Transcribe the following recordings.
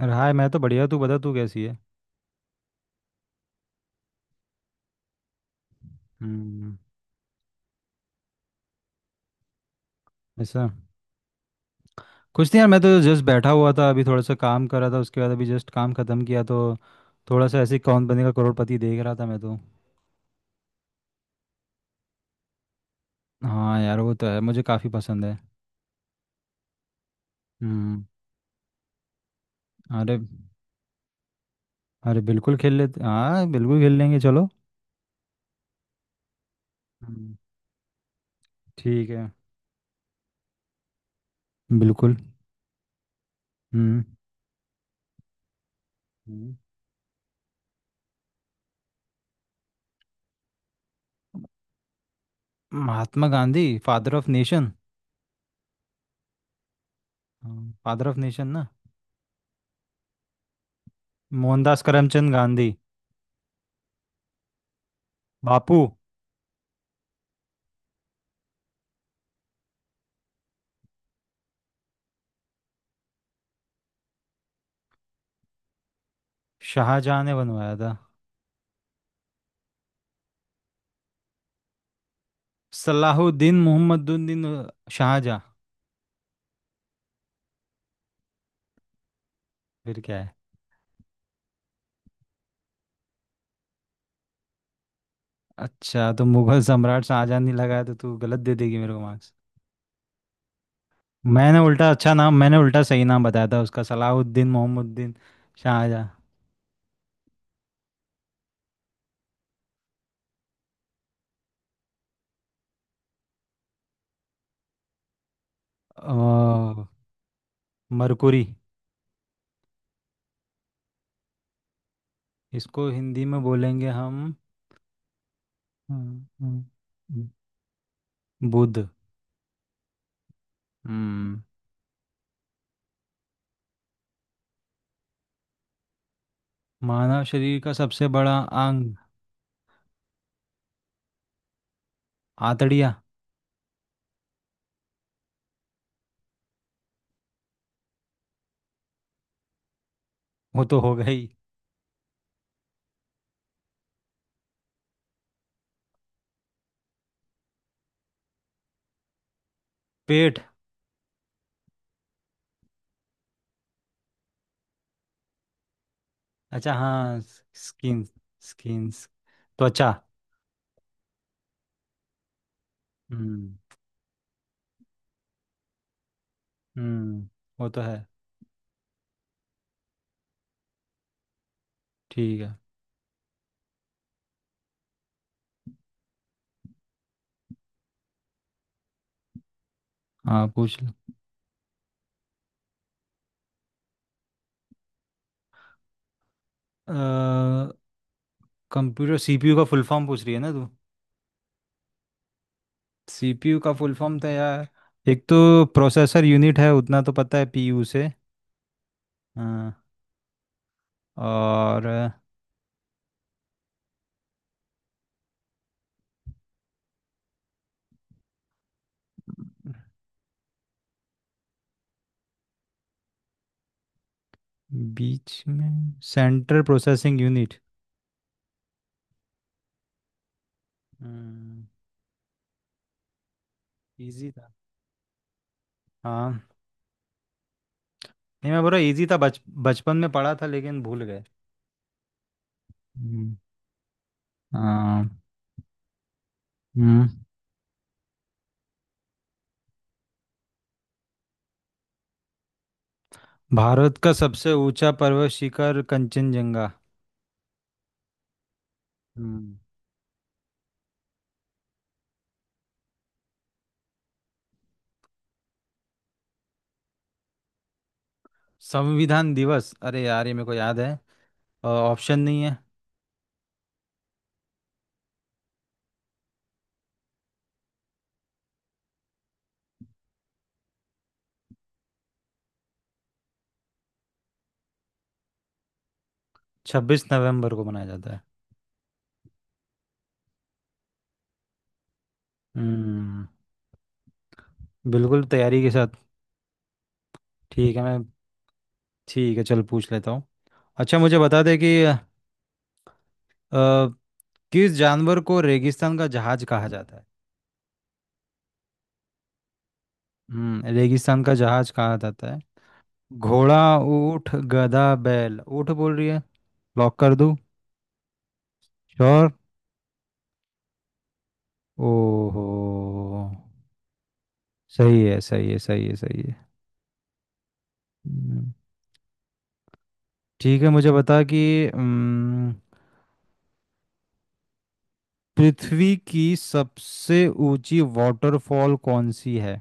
अरे हाय। मैं तो बढ़िया। तू बता तू कैसी है। हम्म। ऐसा कुछ नहीं यार। मैं तो जस्ट बैठा हुआ था, अभी थोड़ा सा काम कर रहा था। उसके बाद अभी जस्ट काम ख़त्म किया तो थोड़ा सा ऐसे ही कौन बनेगा करोड़पति देख रहा था मैं तो। हाँ यार, वो तो है। मुझे काफ़ी पसंद है। हम्म। अरे। अरे बिल्कुल खेल लेते, हाँ बिल्कुल खेल लेंगे चलो। हम्म, ठीक है। बिल्कुल। हम्म, हम्म। Mahatma Gandhi father of nation. Father of nation ना? मोहनदास करमचंद गांधी। बापू। शाहजहाँ ने बनवाया था। सलाहुद्दीन मोहम्मदुद्दीन शाहजहाँ। फिर क्या है? अच्छा, तो मुगल सम्राट शाहजहाँ नहीं लगाया तो तू गलत दे देगी मेरे को मार्क्स। मैंने उल्टा सही नाम बताया था उसका। सलाहुद्दीन मोहम्मदुद्दीन शाहजहाँ। अ, मरकुरी। इसको हिंदी में बोलेंगे हम। हम्म। बुध। हम्म। मानव शरीर का सबसे बड़ा अंग? आतड़िया। वो तो हो गई। पेट। अच्छा, हाँ। स्किन। स्किन। त्वचा। हम्म। हम्म, वो तो है। ठीक है। हाँ, पूछ लो। कंप्यूटर सीपीयू का फुल फॉर्म पूछ रही है ना तू? सीपीयू का फुल फॉर्म था यार। एक तो प्रोसेसर यूनिट है, उतना तो पता है पीयू से। हाँ। और बीच में central processing unit. Hmm easy था। हाँ। नहीं, मैं बोल रहा इजी था, बच बचपन में पढ़ा था लेकिन भूल गए। हम्म। हाँ। हम्म। भारत का सबसे ऊंचा पर्वत शिखर कंचनजंगा। हम्म। संविधान दिवस! अरे यार, ये मेरे को याद है। ऑप्शन नहीं है? 26 नवंबर को मनाया जाता है। हम्म। बिल्कुल, तैयारी के साथ। ठीक है, मैं। ठीक है चल, पूछ लेता हूँ। अच्छा, मुझे बता दे कि किस जानवर को रेगिस्तान का जहाज कहा जाता है? रेगिस्तान का जहाज कहा जाता है। घोड़ा। ऊंट। गधा, बैल, ऊंट बोल रही है। लॉक कर दूँ? श्योर। ओहो। सही है, सही है, सही है, सही है। हम्म। ठीक है, मुझे बता कि हम्म, पृथ्वी की सबसे ऊंची वाटरफॉल कौन सी है?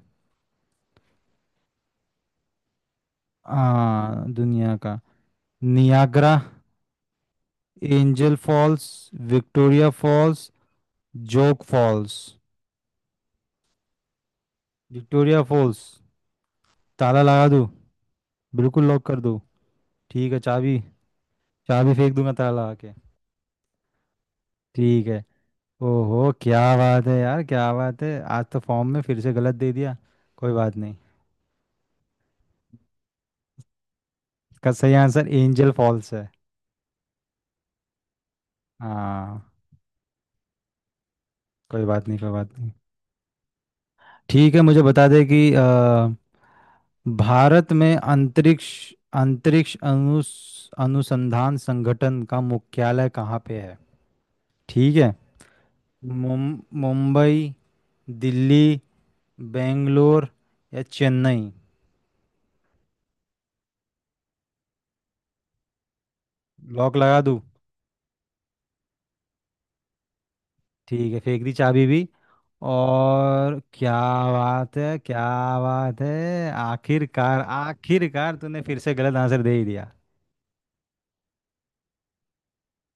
हाँ, दुनिया का। Niagara. Angel Falls. Victoria Falls. Jog Falls. Victoria Falls. ताला लगा दूँ? बिल्कुल लॉक कर दूँ। ठीक है, चाबी। चाबी फेंक दूंगा ताला लगा के। ठीक है। ओहो, क्या बात है यार, क्या बात है! आज तो फॉर्म में फिर से गलत दे दिया। कोई बात नहीं। इसका सही आंसर एंजल फॉल्स है। हाँ। कोई बात नहीं, कोई बात नहीं। ठीक है, मुझे बता दे कि भारत में अंतरिक्ष अंतरिक्ष अनुसंधान संगठन का मुख्यालय कहाँ पे है? ठीक है। मुंबई। दिल्ली। बेंगलोर। या चेन्नई। लॉक लगा दूं? ठीक है, फेंक दी चाबी भी। और क्या बात है, क्या बात है! आखिरकार, आखिरकार तूने फिर से गलत आंसर दे ही दिया।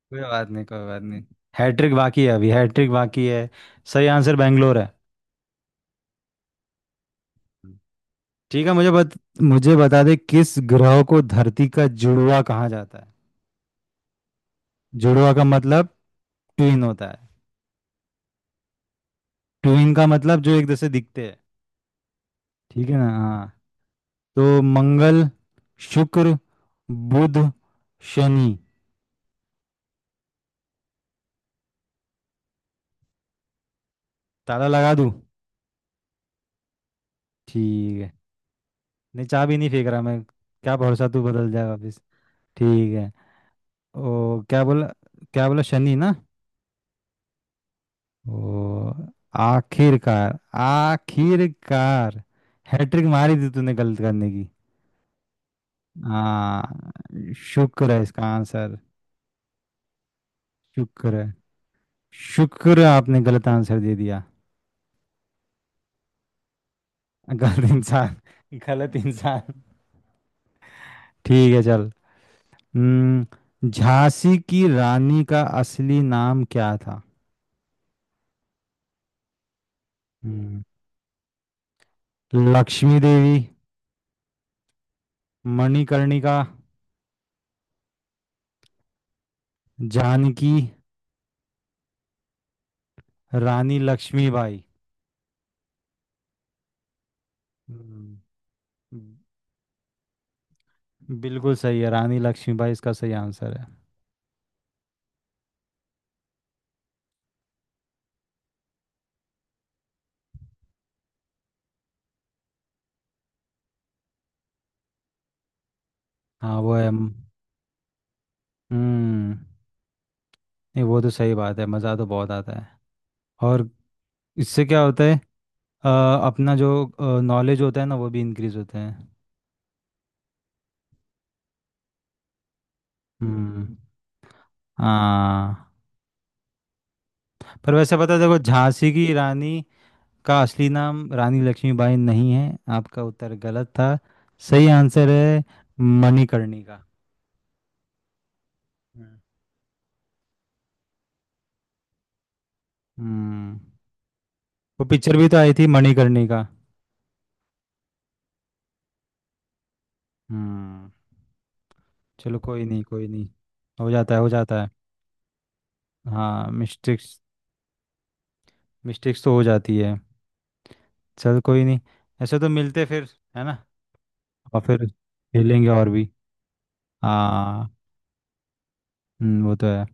कोई बात नहीं, कोई बात नहीं। हैट्रिक बाकी है, अभी हैट्रिक बाकी है। सही आंसर बैंगलोर है। ठीक है, मुझे बता दे किस ग्रह को धरती का जुड़वा कहा जाता है? जुड़वा का मतलब ट्विन होता है। ट्विन का मतलब जो एक दूसरे दिखते हैं। ठीक है ना, हाँ। तो मंगल। शुक्र। बुध। शनि। ताला लगा दूं? ठीक है। नहीं, चाबी नहीं फेंक रहा मैं। क्या भरोसा, तू बदल जाए वापस। ठीक है। ओ, क्या बोला? क्या बोला, शनि ना? ओ। आखिरकार। आखिरकार। हैट्रिक मारी थी तूने गलत करने की। हाँ। शुक्र है इसका आंसर। शुक्र है। शुक्र है आपने गलत आंसर दे दिया। गलत इंसान। गलत इंसान। ठीक है चल। झांसी की रानी का असली नाम क्या था? हम्म। लक्ष्मी देवी। मणिकर्णिका। जानकी। रानी लक्ष्मीबाई। हम्म। बिल्कुल सही है, रानी लक्ष्मीबाई इसका सही आंसर है। हाँ, वो है, हम्म। नहीं, वो तो सही बात है, मज़ा तो बहुत आता है। और। इससे क्या होता है? अ, अपना जो नॉलेज होता है ना, वो भी इंक्रीज होता है। हम्म। हाँ, पर वैसे पता है, देखो झांसी की रानी का असली नाम रानी लक्ष्मीबाई नहीं है। आपका उत्तर गलत था। सही आंसर है मणिकर्णिका। हम्म। हम्म, वो पिक्चर भी तो आई थी मणिकर्णिका। हम्म। चलो कोई नहीं, कोई नहीं। हो जाता है, हो जाता है। हाँ, मिस्टेक्स। मिस्टेक्स तो हो जाती है। चल कोई नहीं। ऐसे तो मिलते फिर। है ना? और फिर खेलेंगे और भी। हाँ। वो तो है।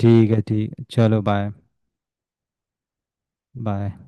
ठीक है ठीक, चलो बाय। बाय।